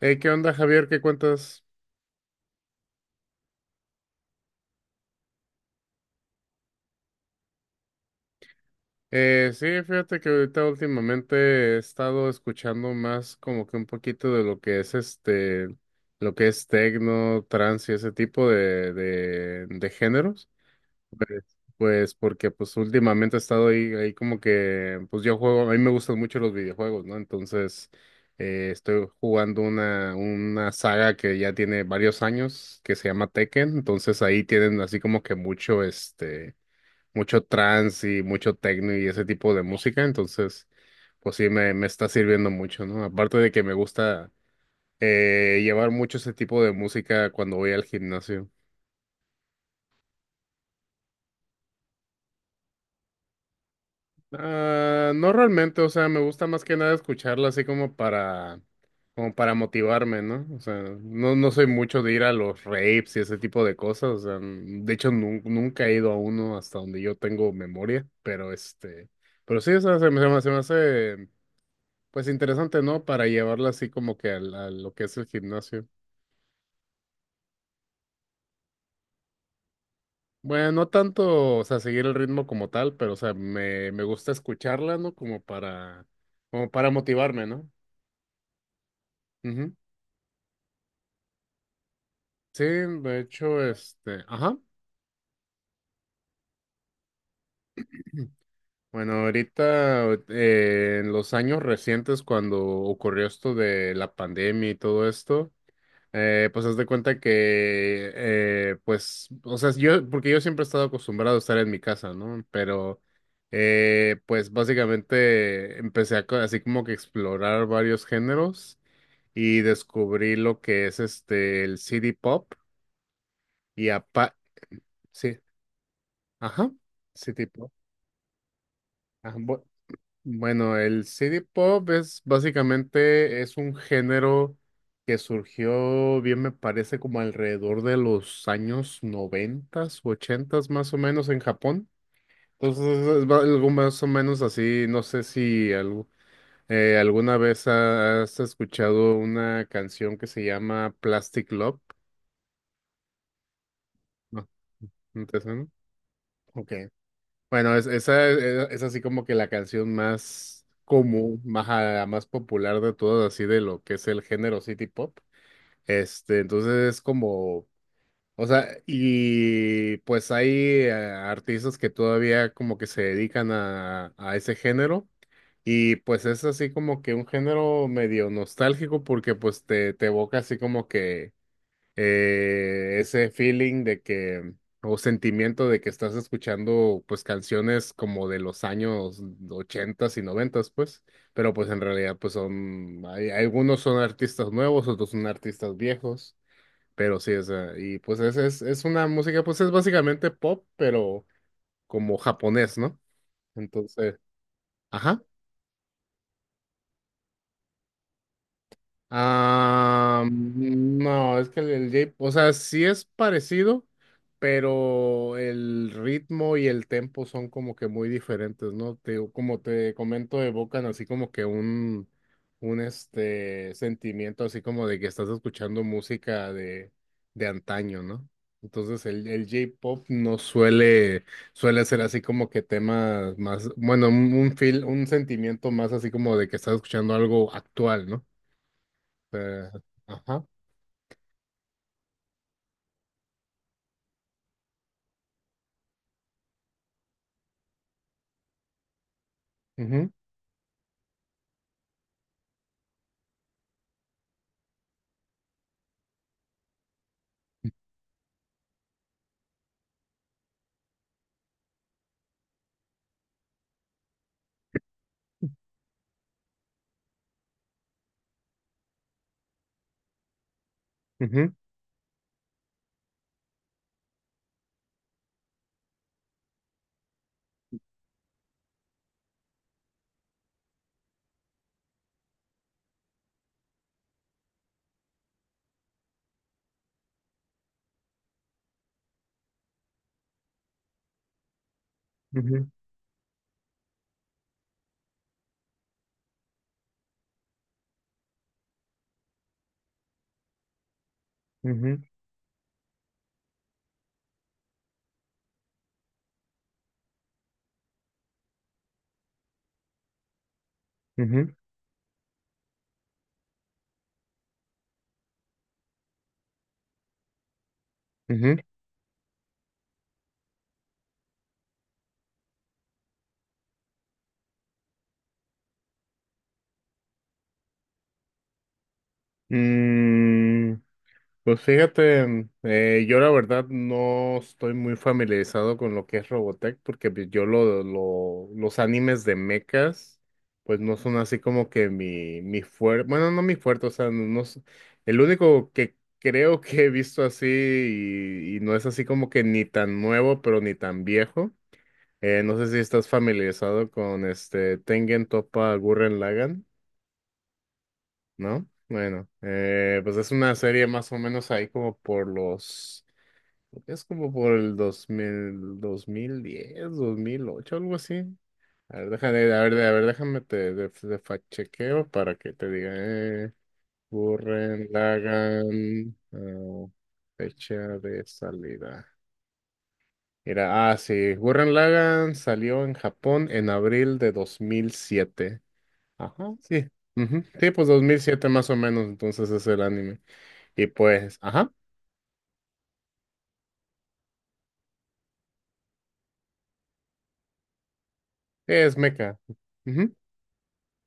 Hey, ¿qué onda, Javier? ¿Qué cuentas? Sí, fíjate que ahorita últimamente he estado escuchando más como que un poquito de lo que es lo que es tecno, trance y ese tipo de géneros. Pues porque pues últimamente he estado ahí como que, pues yo juego, a mí me gustan mucho los videojuegos, ¿no? Entonces, estoy jugando una saga que ya tiene varios años, que se llama Tekken. Entonces ahí tienen así como que mucho mucho trance y mucho techno y ese tipo de música, entonces, pues sí, me está sirviendo mucho, ¿no? Aparte de que me gusta llevar mucho ese tipo de música cuando voy al gimnasio. Ah, no realmente, o sea, me gusta más que nada escucharla así como para motivarme, ¿no? O sea, no, no soy mucho de ir a los raves y ese tipo de cosas, o sea, de hecho nunca he ido a uno hasta donde yo tengo memoria, pero pero sí, o sea, se me hace pues interesante, ¿no? Para llevarla así como que a, lo que es el gimnasio. Bueno, no tanto, o sea, seguir el ritmo como tal, pero, o sea, me gusta escucharla, ¿no? Como para motivarme, ¿no? Ujú. Sí, de hecho, ajá. Bueno, ahorita, en los años recientes, cuando ocurrió esto de la pandemia y todo esto. Pues haz de cuenta que, pues, o sea, yo, porque yo siempre he estado acostumbrado a estar en mi casa, ¿no? Pero, pues básicamente empecé a así como que explorar varios géneros y descubrí lo que es el city pop y apa, sí, ajá, city pop. Ajá, Bueno, el CD pop es básicamente es un género que surgió, bien me parece, como alrededor de los años noventas, ochentas más o menos en Japón. Entonces es algo más o menos así. No sé si alguna vez has escuchado una canción que se llama Plastic Love. ¿No? ¿No te suena? Ok. Bueno, esa es así como que la canción más común, más popular de todas, así de lo que es el género City Pop. Entonces es como, o sea, y pues hay artistas que todavía como que se dedican a ese género. Y pues es así como que un género medio nostálgico porque pues te evoca así como que ese feeling de que, o sentimiento de que estás escuchando, pues, canciones como de los años ochentas y noventas, pues, pero pues en realidad, pues son, hay, algunos son artistas nuevos, otros son artistas viejos, pero sí, o sea, y pues es una música, pues es básicamente pop, pero como japonés, ¿no? Entonces, ajá. Ah, no, es que el o sea, sí es parecido, pero el ritmo y el tempo son como que muy diferentes, ¿no? Te, digo, como te comento, evocan así como que un este sentimiento así como de que estás escuchando música de antaño, ¿no? Entonces el J-pop no suele, suele ser así como que temas más, bueno, un feel, un sentimiento más así como de que estás escuchando algo actual, ¿no? Eh, ajá. Ujú, ujú, ujú, ujú, ujú, ujú. Mm, pues fíjate, yo la verdad no estoy muy familiarizado con lo que es Robotech, porque pues yo los animes de mechas, pues no son así como que mi fuerte, bueno, no mi fuerte, o sea, no, no el único que creo que he visto así y no es así como que ni tan nuevo, pero ni tan viejo. No sé si estás familiarizado con este Tengen Toppa Gurren Lagann, ¿no? Bueno, pues es una serie más o menos ahí como por los, es como por el dos dos mil 2010 2008 algo así. A ver, déjame, a ver, déjame te, de fact chequeo para que te diga, Gurren Lagann, fecha de salida. Era, ah, sí, Gurren Lagann salió en Japón en abril de 2007. Ajá, sí. Ujú, sí, pues 2007 más o menos, entonces es el anime. Y pues, ajá, es mecha.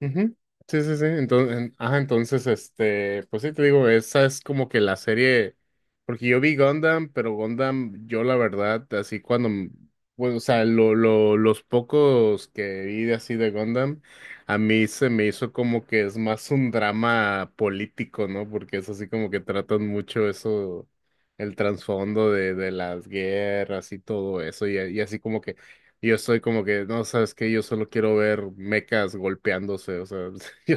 Ujú. Sí, sí, sí. Entonces, ajá, entonces, pues sí te digo, esa es como que la serie, porque yo vi Gundam, pero Gundam, yo la verdad, así cuando, bueno, o sea, los pocos que vi de así de Gundam, a mí se me hizo como que es más un drama político, ¿no? Porque es así como que tratan mucho eso, el trasfondo de las guerras y todo eso, y así como y yo soy como que, no, sabes que yo solo quiero ver mecas golpeándose, o sea, yo,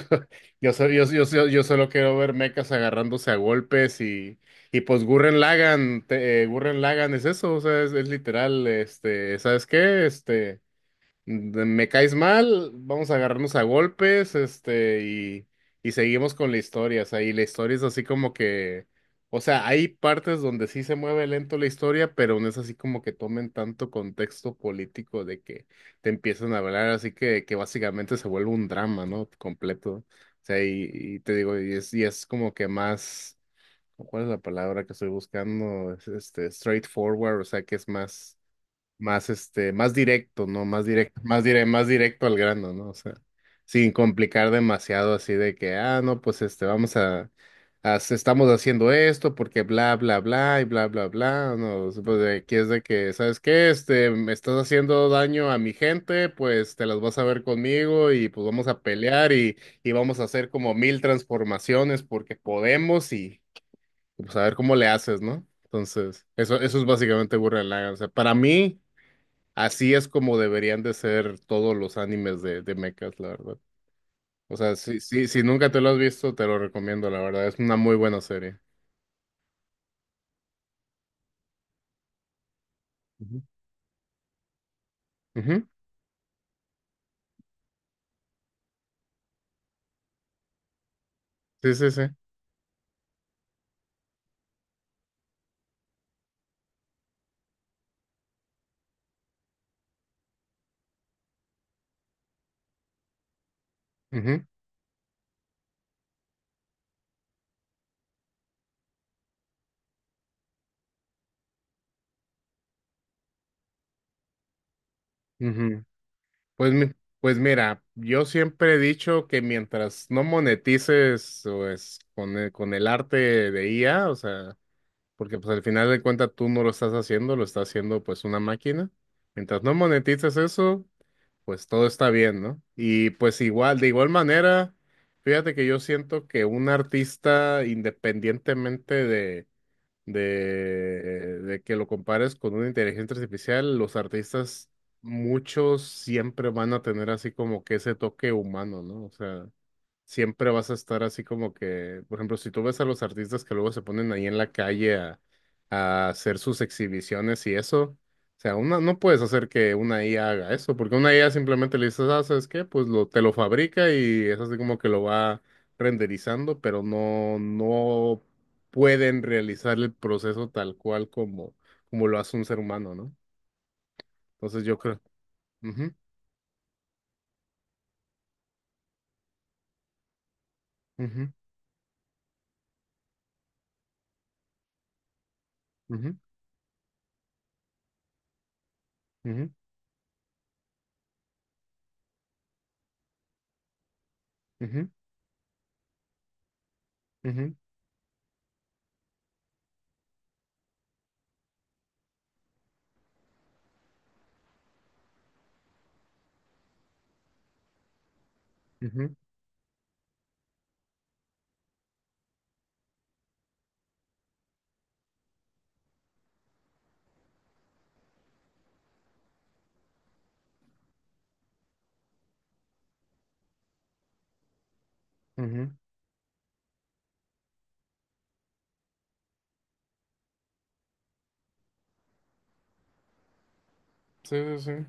yo solo quiero ver mecas agarrándose a golpes y pues Gurren Lagann, Gurren Lagann es eso, o sea, es literal, este, ¿sabes qué? Este me caes mal, vamos a agarrarnos a golpes, este, y seguimos con la historia, o sea, y la historia es así como que, o sea, hay partes donde sí se mueve lento la historia, pero no es así como que tomen tanto contexto político de que te empiezan a hablar, así que básicamente se vuelve un drama, ¿no? Completo, o sea, y te digo, y es como que más, ¿cuál es la palabra que estoy buscando? Es, este, straightforward, o sea, que es más directo, ¿no? Más directo, más directo al grano, ¿no? O sea, sin complicar demasiado así de que, ah, no, pues este, estamos haciendo esto porque bla, bla, bla y bla, bla, bla, no, o sea, pues de aquí es de que, ¿sabes qué? Este, me estás haciendo daño a mi gente, pues te las vas a ver conmigo y pues vamos a pelear y vamos a hacer como mil transformaciones porque podemos y pues a ver cómo le haces, ¿no? Entonces, eso es básicamente Gurren Lagann. O sea, para mí, así es como deberían de ser todos los animes de mechas, la verdad. O sea, si nunca te lo has visto, te lo recomiendo, la verdad. Es una muy buena serie. Ujú. Ujú. Sí, sí, sí. Ujú. Ujú. Pues, pues mira, yo siempre he dicho que mientras no monetices pues, con el arte de IA, o sea, porque pues al final de cuentas tú no lo estás haciendo, lo está haciendo pues una máquina. Mientras no monetices eso, pues todo está bien, ¿no? Y pues igual, de igual manera, fíjate que yo siento que un artista, independientemente de, de que lo compares con una inteligencia artificial, los artistas, muchos siempre van a tener así como que ese toque humano, ¿no? O sea, siempre vas a estar así como que, por ejemplo, si tú ves a los artistas que luego se ponen ahí en la calle a hacer sus exhibiciones y eso, o sea, una, no puedes hacer que una IA haga eso, porque una IA simplemente le dices, ah, ¿sabes qué? Pues lo, te lo fabrica y es así como que lo va renderizando, pero no, no pueden realizar el proceso tal cual como, como lo hace un ser humano, ¿no? Entonces yo creo. Ujú, ujú, ujú, ujú, ujú, ujú, ujú, ujú. Sí, sí, sí.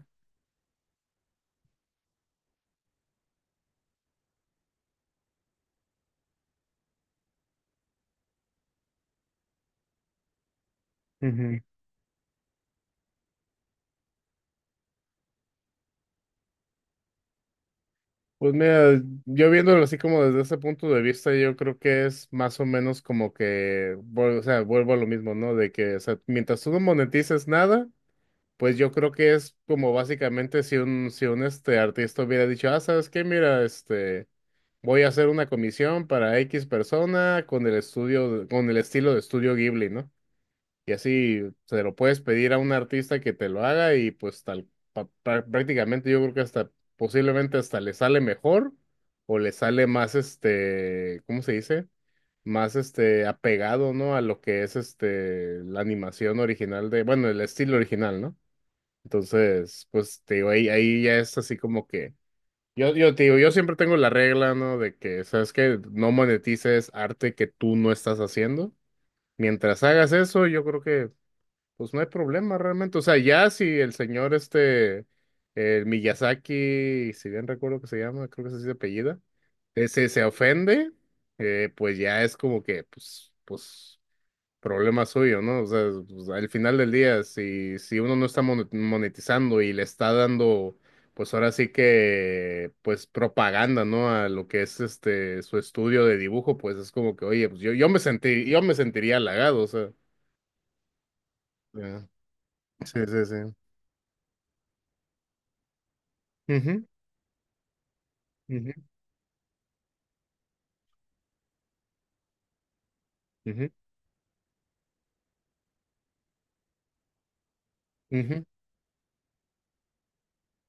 Ujú. Pues mira, yo viéndolo así como desde ese punto de vista, yo creo que es más o menos como que, o sea, vuelvo a lo mismo, ¿no? De que, o sea, mientras tú no monetices nada, pues yo creo que es como básicamente si un artista hubiera dicho, ah, ¿sabes qué? Mira, este, voy a hacer una comisión para X persona con el estudio, con el estilo de estudio Ghibli, ¿no? Y así se lo puedes pedir a un artista que te lo haga y pues tal, prácticamente yo creo que hasta posiblemente hasta le sale mejor o le sale más este, ¿cómo se dice? Más este apegado, ¿no? A lo que es este la animación original de, bueno, el estilo original, ¿no? Entonces, pues te digo, ahí ya es así como que yo te digo, yo siempre tengo la regla, ¿no? De que, ¿sabes qué? No monetices arte que tú no estás haciendo. Mientras hagas eso, yo creo que pues no hay problema realmente. O sea, ya si el señor este, el Miyazaki, si bien recuerdo que se llama, creo que es así de apellida, se ofende, pues ya es como que, problema suyo, ¿no? O sea, pues, al final del día, si uno no está monetizando y le está dando, pues ahora sí que, pues, propaganda, ¿no? A lo que es este, su estudio de dibujo, pues es como que, oye, pues yo me sentiría halagado, o sea. Ya. Sí, sí, sí. Ujú, ujú, ujú, ujú,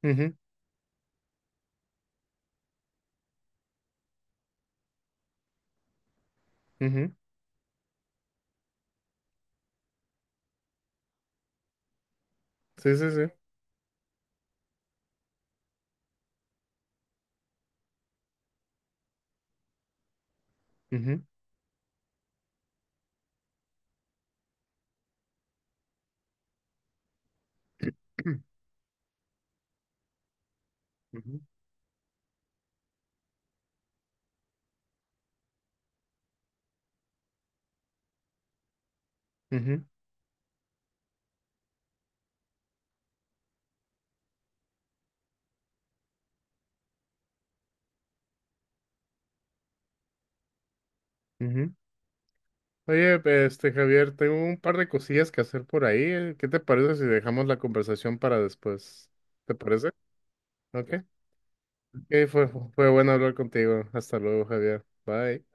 ujú, ujú. Sí, sí, sí. Ujú, ujú, ujú, ujú. Oye, Javier, tengo un par de cosillas que hacer por ahí. ¿Qué te parece si dejamos la conversación para después? ¿Te parece? Ok. Ok, fue bueno hablar contigo. Hasta luego, Javier. Bye.